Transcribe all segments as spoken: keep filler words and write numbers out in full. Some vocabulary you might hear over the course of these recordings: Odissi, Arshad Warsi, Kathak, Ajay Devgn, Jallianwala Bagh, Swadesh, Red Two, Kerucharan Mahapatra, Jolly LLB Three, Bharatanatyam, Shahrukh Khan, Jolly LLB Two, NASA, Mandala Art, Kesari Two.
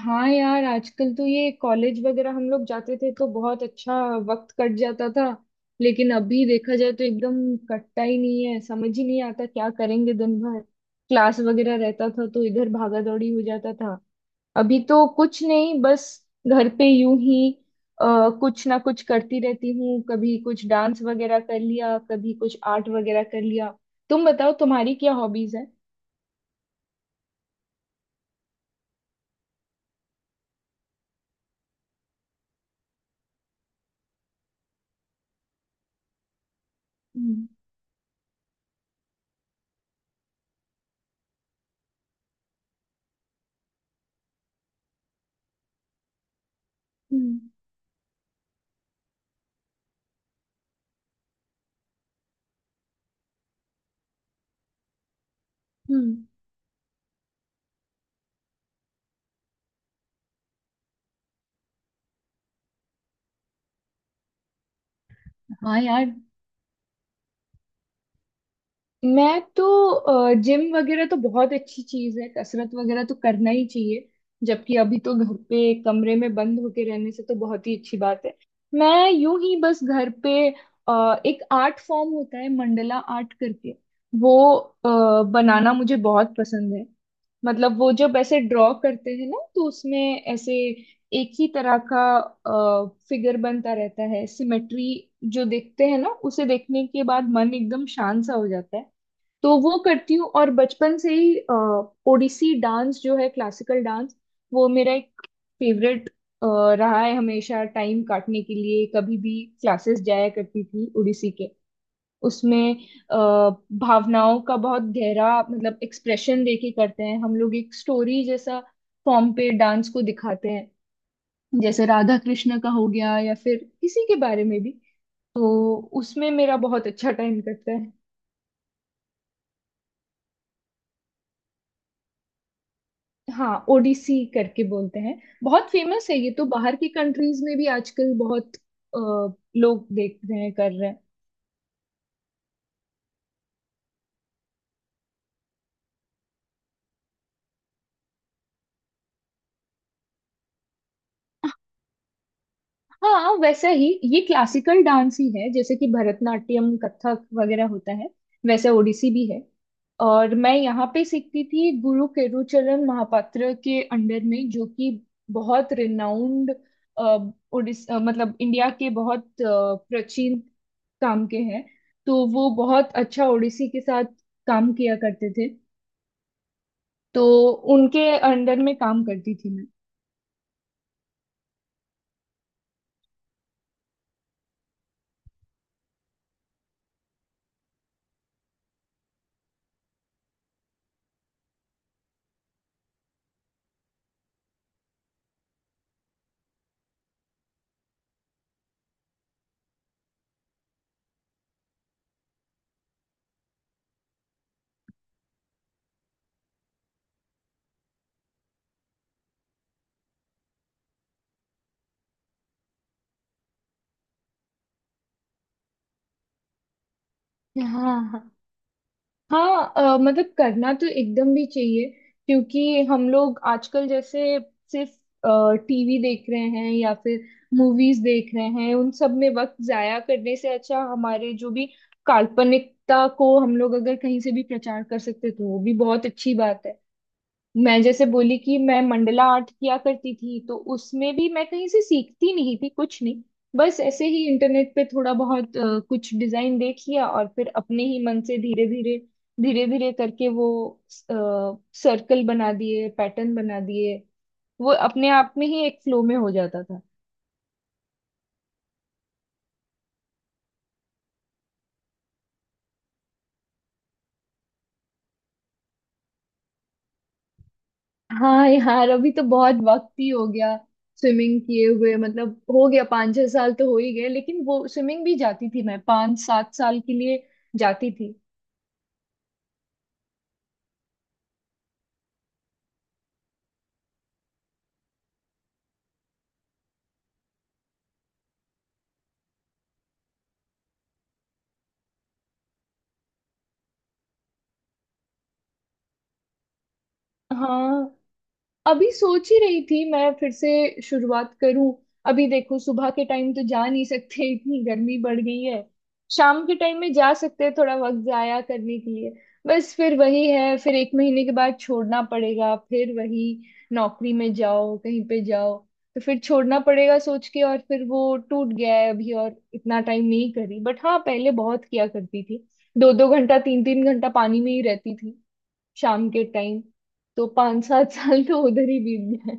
हाँ यार, आजकल तो ये कॉलेज वगैरह हम लोग जाते थे तो बहुत अच्छा वक्त कट जाता था। लेकिन अभी देखा जाए तो एकदम कटता ही नहीं है, समझ ही नहीं आता क्या करेंगे दिन भर। क्लास वगैरह रहता था तो इधर भागा दौड़ी हो जाता था। अभी तो कुछ नहीं, बस घर पे यूं ही आ, कुछ ना कुछ करती रहती हूँ, कभी कुछ डांस वगैरह कर लिया, कभी कुछ आर्ट वगैरह कर लिया। तुम बताओ तुम्हारी क्या हॉबीज है। हम्म। हम्म। हम्म। हाँ यार, मैं तो जिम वगैरह तो बहुत अच्छी चीज है, कसरत वगैरह तो करना ही चाहिए। जबकि अभी तो घर पे कमरे में बंद होके रहने से तो बहुत ही अच्छी बात है। मैं यूं ही बस घर पे अ, एक आर्ट फॉर्म होता है मंडला आर्ट करके, वो अ, बनाना मुझे बहुत पसंद है। मतलब वो जब ऐसे ड्रॉ करते हैं ना तो उसमें ऐसे एक ही तरह का फिगर बनता रहता है, सिमेट्री जो देखते हैं ना, उसे देखने के बाद मन एकदम शांत सा हो जाता है। तो वो करती हूँ। और बचपन से ही अ, ओडिसी डांस जो है, क्लासिकल डांस, वो मेरा एक फेवरेट रहा है हमेशा। टाइम काटने के लिए कभी भी क्लासेस जाया करती थी ओडिसी के। उसमें अ, भावनाओं का बहुत गहरा मतलब एक्सप्रेशन देके करते हैं हम लोग, एक स्टोरी जैसा फॉर्म पे डांस को दिखाते हैं। जैसे राधा कृष्ण का हो गया या फिर किसी के बारे में भी। तो उसमें मेरा बहुत अच्छा टाइम कटता है। हाँ, ओडिसी करके बोलते हैं। बहुत फेमस है ये तो, बाहर की कंट्रीज में भी आजकल बहुत अ, लोग देख रहे हैं, कर रहे हैं। हाँ वैसा ही। ये क्लासिकल डांस ही है, जैसे कि भरतनाट्यम, कथक वगैरह होता है, वैसे ओडिसी भी है। और मैं यहाँ पे सीखती थी गुरु केरुचरण महापात्र के अंडर में, जो कि बहुत रिनाउंड ओडिस अ, मतलब इंडिया के बहुत अ, प्राचीन काम के हैं। तो वो बहुत अच्छा ओडिसी के साथ काम किया करते थे। तो उनके अंडर में काम करती थी मैं। हाँ हाँ, अ, मतलब करना तो एकदम भी चाहिए। क्योंकि हम लोग आजकल जैसे सिर्फ टीवी देख रहे हैं या फिर मूवीज देख रहे हैं, उन सब में वक्त जाया करने से अच्छा हमारे जो भी काल्पनिकता को हम लोग अगर कहीं से भी प्रचार कर सकते तो वो भी बहुत अच्छी बात है। मैं जैसे बोली कि मैं मंडला आर्ट किया करती थी तो उसमें भी मैं कहीं से सीखती नहीं थी कुछ नहीं, बस ऐसे ही इंटरनेट पे थोड़ा बहुत अ, कुछ डिजाइन देख लिया और फिर अपने ही मन से धीरे धीरे धीरे धीरे करके वो सर्कल बना दिए, पैटर्न बना दिए। वो अपने आप में ही एक फ्लो में हो जाता था। हाँ यार, अभी तो बहुत वक्त ही हो गया स्विमिंग किए हुए। मतलब हो गया पाँच छह साल तो हो ही गए। लेकिन वो स्विमिंग भी जाती थी मैं पाँच सात साल के लिए जाती थी। हाँ, अभी सोच ही रही थी मैं फिर से शुरुआत करूं। अभी देखो सुबह के टाइम तो जा नहीं सकते, इतनी गर्मी बढ़ गई है। शाम के टाइम में जा सकते हैं, थोड़ा वक्त जाया करने के लिए। बस फिर वही है, फिर एक महीने के बाद छोड़ना पड़ेगा, फिर वही नौकरी में जाओ, कहीं पे जाओ, तो फिर छोड़ना पड़ेगा सोच के। और फिर वो टूट गया है अभी, और इतना टाइम नहीं करी, बट हाँ पहले बहुत किया करती थी, दो दो घंटा, तीन तीन घंटा पानी में ही रहती थी शाम के टाइम। तो पांच सात साल तो उधर ही बीत गए।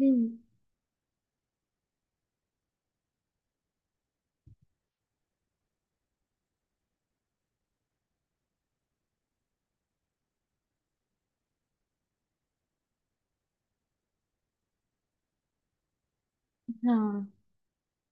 हम्म। हाँ,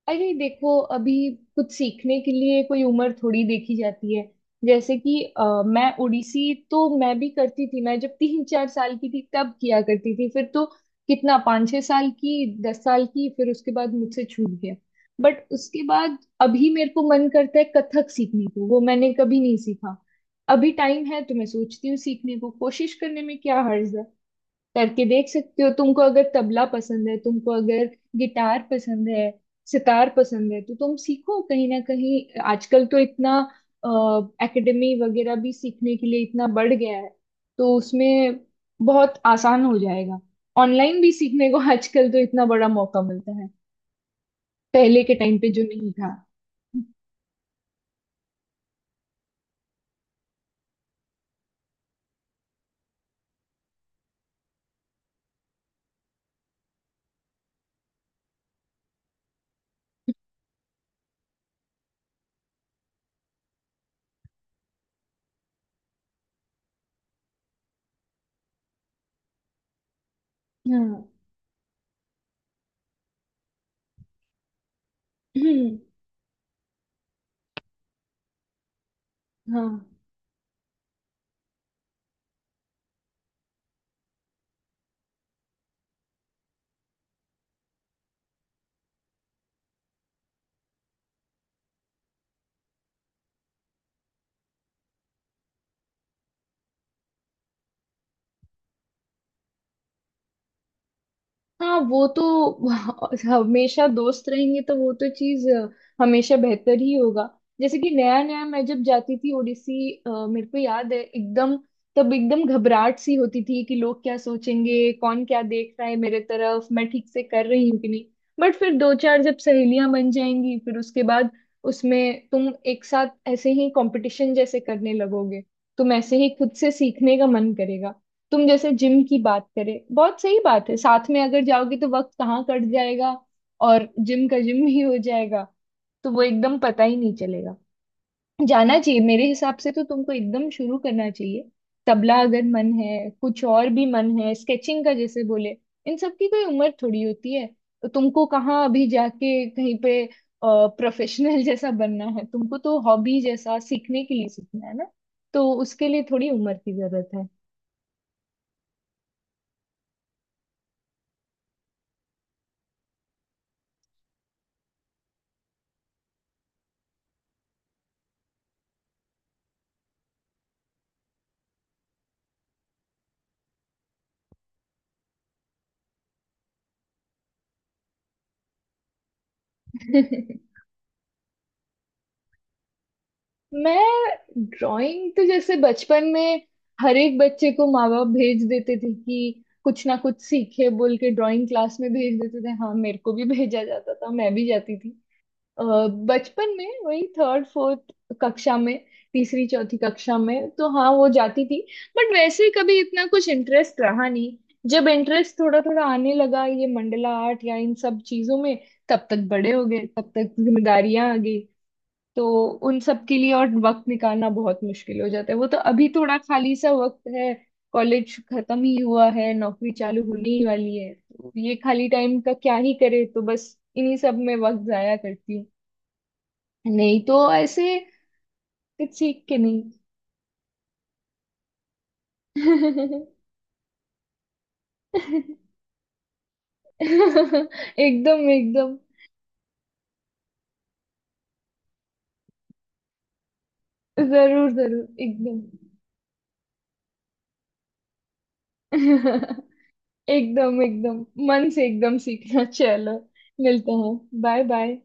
अरे देखो, अभी कुछ सीखने के लिए कोई उम्र थोड़ी देखी जाती है। जैसे कि अ, मैं ओडिसी तो मैं भी करती थी, मैं जब तीन चार साल की थी तब किया करती थी, फिर तो कितना पाँच छह साल की, दस साल की, फिर उसके बाद मुझसे छूट गया। बट उसके बाद अभी मेरे को मन करता है कथक सीखने को, वो मैंने कभी नहीं सीखा। अभी टाइम है तो मैं सोचती हूँ सीखने को, कोशिश करने में क्या हर्ज है। करके देख सकते हो। तुमको अगर तबला पसंद है, तुमको अगर गिटार पसंद है, सितार पसंद है तो तुम सीखो। कहीं ना कहीं आजकल तो इतना एकेडमी वगैरह भी सीखने के लिए इतना बढ़ गया है, तो उसमें बहुत आसान हो जाएगा। ऑनलाइन भी सीखने को आजकल तो इतना बड़ा मौका मिलता है, पहले के टाइम पे जो नहीं था। हाँ। हाँ हाँ, वो तो हमेशा दोस्त रहेंगे तो वो तो चीज अ, हमेशा बेहतर ही होगा। जैसे कि नया नया मैं जब जाती थी ओडिसी, अ, मेरे को याद है एकदम, तब एकदम घबराहट सी होती थी कि लोग क्या सोचेंगे, कौन क्या देख रहा है मेरे तरफ, मैं ठीक से कर रही हूँ कि नहीं। बट फिर दो चार जब सहेलियां बन जाएंगी फिर उसके बाद उसमें तुम एक साथ ऐसे ही कंपटीशन जैसे करने लगोगे, तुम ऐसे ही खुद से सीखने का मन करेगा। तुम जैसे जिम की बात करें, बहुत सही बात है, साथ में अगर जाओगे तो वक्त कहाँ कट जाएगा और जिम का जिम ही हो जाएगा, तो वो एकदम पता ही नहीं चलेगा। जाना चाहिए मेरे हिसाब से तो, तुमको एकदम शुरू करना चाहिए। तबला अगर मन है, कुछ और भी मन है, स्केचिंग का जैसे बोले, इन सब की कोई उम्र थोड़ी होती है। तो तुमको कहाँ अभी जाके कहीं पे प्रोफेशनल जैसा बनना है, तुमको तो हॉबी जैसा सीखने के लिए सीखना है ना, तो उसके लिए थोड़ी उम्र की जरूरत है। मैं ड्राइंग तो जैसे बचपन में हर एक बच्चे को माँ बाप भेज देते थे कि कुछ ना कुछ सीखे बोल के ड्राइंग क्लास में भेज देते थे। हाँ, मेरे को भी भेजा जाता था, मैं भी जाती थी अ, बचपन में, वही थर्ड फोर्थ कक्षा में, तीसरी चौथी कक्षा में तो हाँ वो जाती थी। बट वैसे कभी इतना कुछ इंटरेस्ट रहा नहीं। जब इंटरेस्ट थोड़ा थोड़ा आने लगा ये मंडला आर्ट या इन सब चीजों में, तब तक बड़े हो गए, तब तक जिम्मेदारियां आ गई। तो उन सब के लिए और वक्त निकालना बहुत मुश्किल हो जाता है। वो तो अभी थोड़ा खाली सा वक्त है, कॉलेज खत्म ही हुआ है, नौकरी चालू होने ही वाली है, तो ये खाली टाइम का क्या ही करे, तो बस इन्हीं सब में वक्त जाया करती हूँ, नहीं तो ऐसे कुछ सीख के नहीं। एकदम एकदम। जरूर जरूर, एकदम। एकदम एकदम, मन से एकदम सीखना। चलो, मिलते हैं। Bye bye.